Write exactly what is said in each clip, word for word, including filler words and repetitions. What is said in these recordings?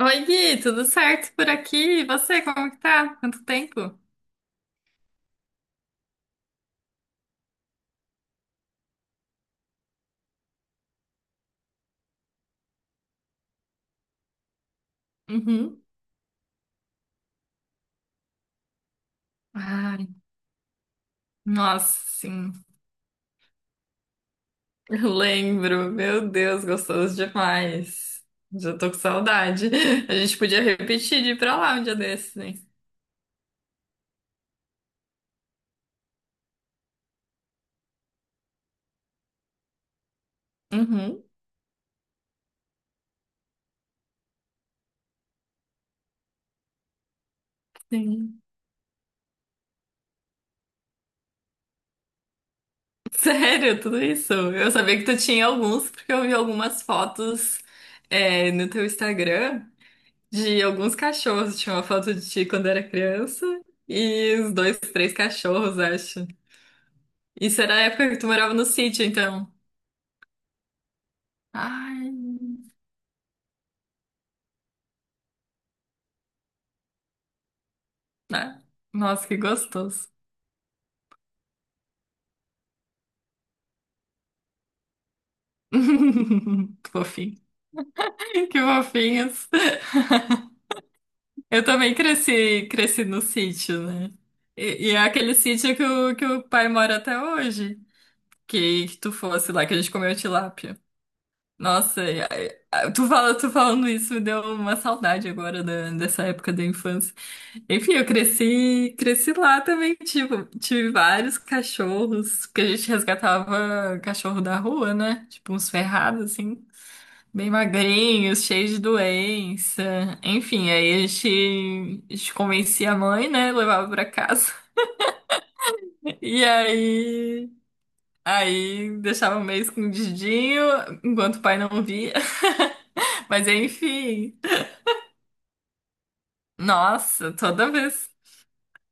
Oi, Gui, tudo certo por aqui? E você, como que tá? Quanto tempo? Uhum. Ai, nossa, sim. Eu lembro. Meu Deus, gostoso demais. Já tô com saudade. A gente podia repetir de ir pra lá um dia desses, né? Uhum, sim. Sério, tudo isso. Eu sabia que tu tinha alguns, porque eu vi algumas fotos, é, no teu Instagram de alguns cachorros. Tinha uma foto de ti quando era criança e os dois, três cachorros, acho. Isso era a época que tu morava no sítio, então. Ai, né? Nossa, que gostoso. Que fofinho. Que fofinhos. Eu também cresci, cresci no sítio, né? E, e é aquele sítio que o, que o pai mora até hoje. Que, que tu fosse lá, que a gente comeu tilápia. Nossa, e- a- tu fala, tu falando isso me deu uma saudade agora da- dessa época da infância. Enfim, eu cresci, cresci lá também, tipo, tive vários cachorros, porque a gente resgatava cachorro da rua, né? Tipo, uns ferrados, assim, bem magrinhos, cheios de doença. Enfim, aí a gente, a gente convencia a mãe, né? Levava pra casa. E aí, aí deixava meio escondidinho, enquanto o pai não via. Mas enfim. Nossa, toda vez,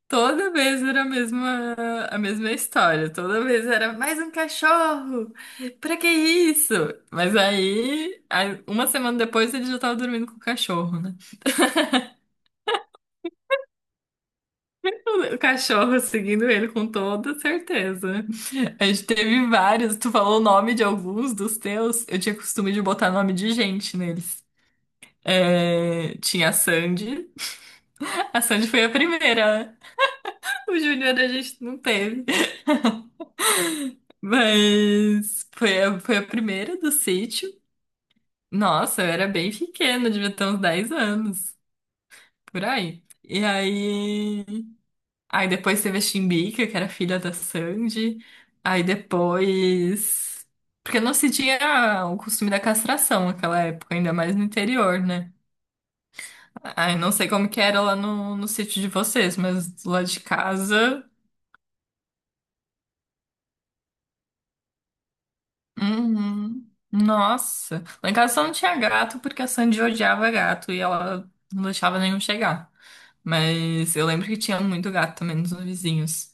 toda vez era a mesma, a mesma história, toda vez era mais um cachorro, pra que isso? Mas aí, aí, uma semana depois ele já tava dormindo com o cachorro, né? O cachorro seguindo ele com toda certeza. A gente teve vários, tu falou o nome de alguns dos teus, eu tinha costume de botar nome de gente neles. É, tinha a Sandy, a Sandy foi a primeira, né? O Júnior a gente não teve. Mas foi a, foi a primeira do sítio. Nossa, eu era bem pequena, devia ter uns dez anos, por aí. E aí. Aí depois teve a Chimbica, que era filha da Sandy. Aí depois. Porque não se tinha o costume da castração naquela época, ainda mais no interior, né? Aí não sei como que era lá no, no sítio de vocês, mas lá de casa. Uhum. Nossa, lá em casa só não tinha gato porque a Sandy odiava gato e ela não deixava nenhum chegar. Mas eu lembro que tinha muito gato também nos vizinhos.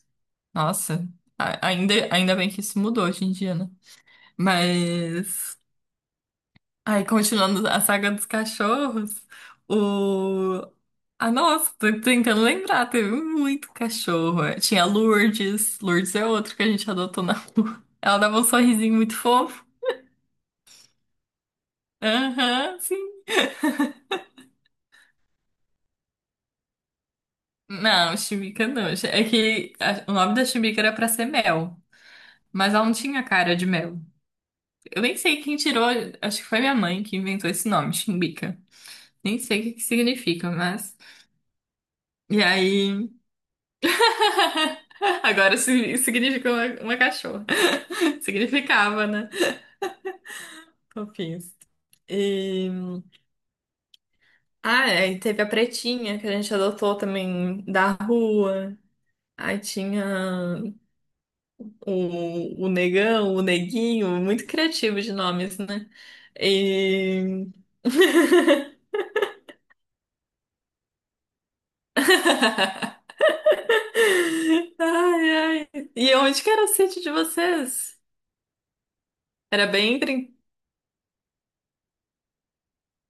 Nossa, a- ainda, ainda bem que isso mudou hoje em dia, né? Mas, aí continuando a saga dos cachorros, o... Ah, nossa, tô tentando lembrar, teve muito cachorro. Tinha a Lourdes, Lourdes é outro que a gente adotou na rua. Ela dava um sorrisinho muito fofo. Aham, sim. Não, chimica não. É que a- o nome da chimica era pra ser Mel, mas ela não tinha cara de Mel. Eu nem sei quem tirou, acho que foi minha mãe que inventou esse nome, Chibica. Nem sei o que que significa, mas. E aí. Agora si- significa uma, uma cachorra. Significava, né? Fofinhos. E... Ah, é, e teve a Pretinha, que a gente adotou também da rua. Aí tinha o, o negão, o neguinho, muito criativo de nomes, né? E... Ai, ai. E onde que era o sítio de vocês? Era bem... brin-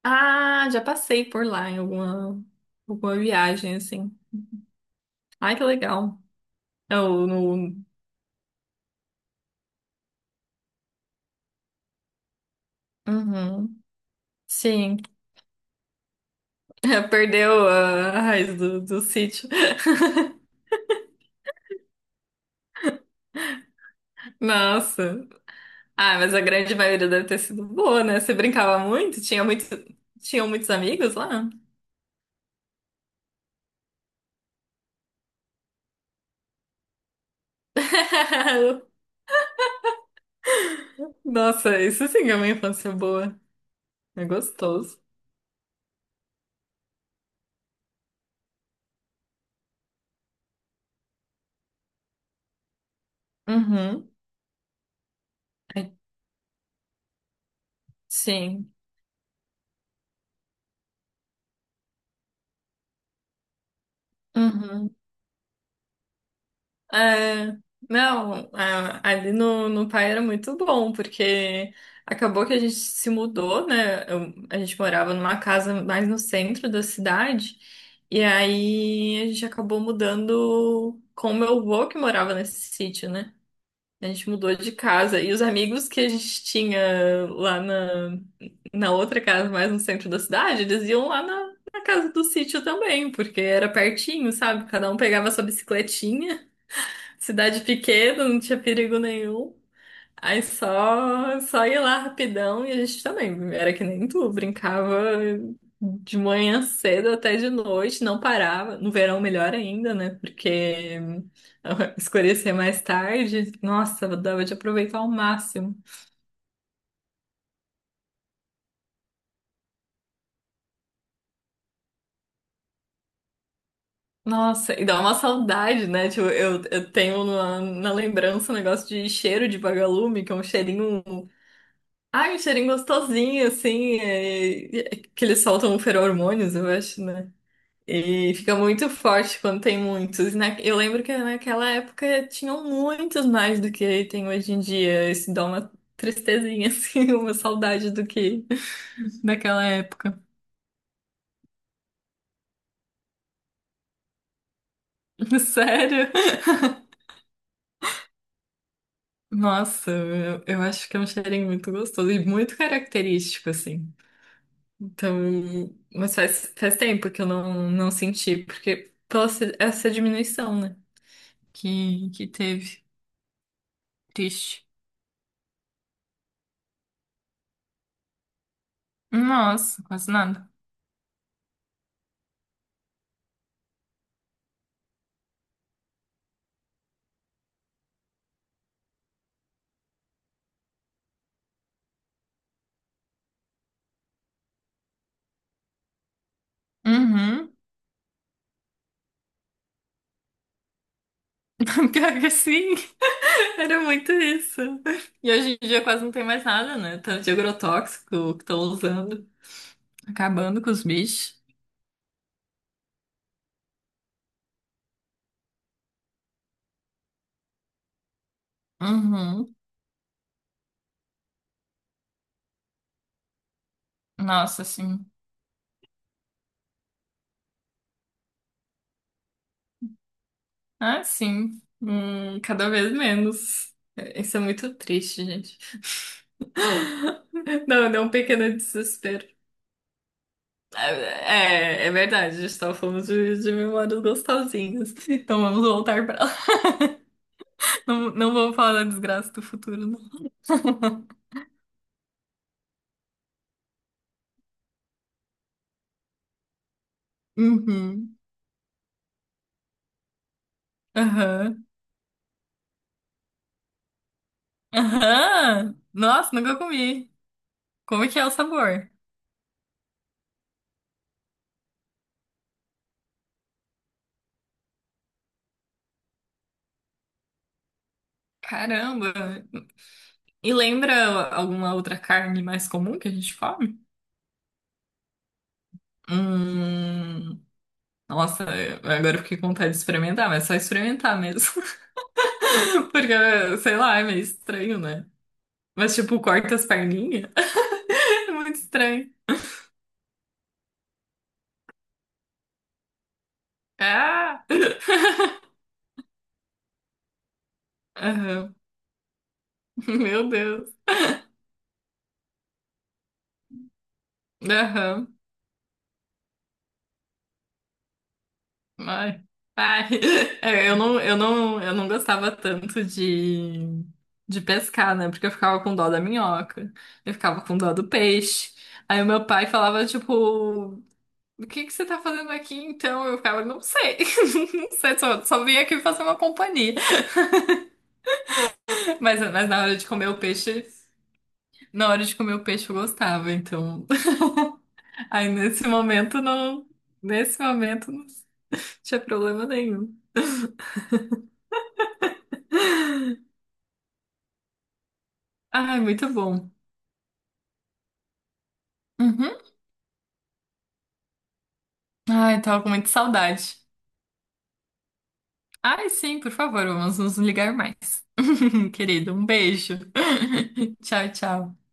Ah, já passei por lá em alguma, alguma viagem, assim. Ai, que legal. Eu, no... Uhum. Sim, perdeu a raiz do, do sítio. Nossa. Ah, mas a grande maioria deve ter sido boa, né? Você brincava muito? Tinha muito... Tinham muitos amigos lá? Nossa, isso sim é uma infância boa. É gostoso. Uhum. É, sim. Uhum. É, não, a- ali no, no Pai era muito bom, porque acabou que a gente se mudou, né? Eu- a gente morava numa casa mais no centro da cidade, e aí a gente acabou mudando com o meu avô que morava nesse sítio, né? A gente mudou de casa e os amigos que a gente tinha lá na, na outra casa, mais no centro da cidade, eles iam lá na, na casa do sítio também, porque era pertinho, sabe? Cada um pegava sua bicicletinha, cidade pequena, não tinha perigo nenhum. Aí só, só ia lá rapidão e a gente também era que nem tu, brincava de manhã cedo até de noite, não parava. No verão, melhor ainda, né? Porque escurecer mais tarde, nossa, dava de aproveitar ao máximo. Nossa, e dá uma saudade, né? Tipo, eu, eu tenho na, na lembrança um negócio de cheiro de vagalume, que é um cheirinho. Ai, um cheirinho gostosinho, assim, é- é que eles soltam feromônios, eu acho, né? E fica muito forte quando tem muitos. E na- Eu lembro que naquela época tinham muitos mais do que tem hoje em dia. Isso dá uma tristezinha, assim, uma saudade do que naquela época. Sério? Nossa, eu, eu acho que é um cheirinho muito gostoso e muito característico, assim. Então, mas faz, faz tempo que eu não, não senti, porque pela se- essa diminuição, né? Que, que teve. Triste. Nossa, quase nada. Uhum. Pior que sim, era muito isso. E hoje em dia quase não tem mais nada, né? Tanto de agrotóxico que estão usando, acabando com os bichos. Uhum. Nossa, sim. Ah, sim. Hum, cada vez menos. É, isso é muito triste, gente. Não, deu um pequeno desespero. É, é é verdade, a gente estava falando de, de memórias gostosinhas. Então vamos voltar para lá. Não, não vou falar da desgraça do futuro, não. Uhum. Aham. Aham. Nossa, nunca comi. Como é que é o sabor? Caramba. E lembra alguma outra carne mais comum que a gente come? Hum. Nossa, agora eu fiquei com vontade de experimentar, mas é só experimentar mesmo. Porque, sei lá, é meio estranho, né? Mas, tipo, corta as perninhas. É muito estranho. Ah! Aham. Meu Deus. Aham. Ai, ai. É, Eu não, eu não, eu não gostava tanto de, de pescar, né? Porque eu ficava com dó da minhoca, eu ficava com dó do peixe. Aí o meu pai falava, tipo, o que que você tá fazendo aqui então? Eu ficava, não sei, não sei, só, só vim aqui fazer uma companhia. Mas, mas na hora de comer o peixe, na hora de comer o peixe eu gostava, então. Aí nesse momento não, nesse momento não tinha problema nenhum. Ai, muito bom. Uhum. Ai, tava com muita saudade. Ai, sim, por favor, vamos nos ligar mais. Querido, um beijo. Tchau, tchau.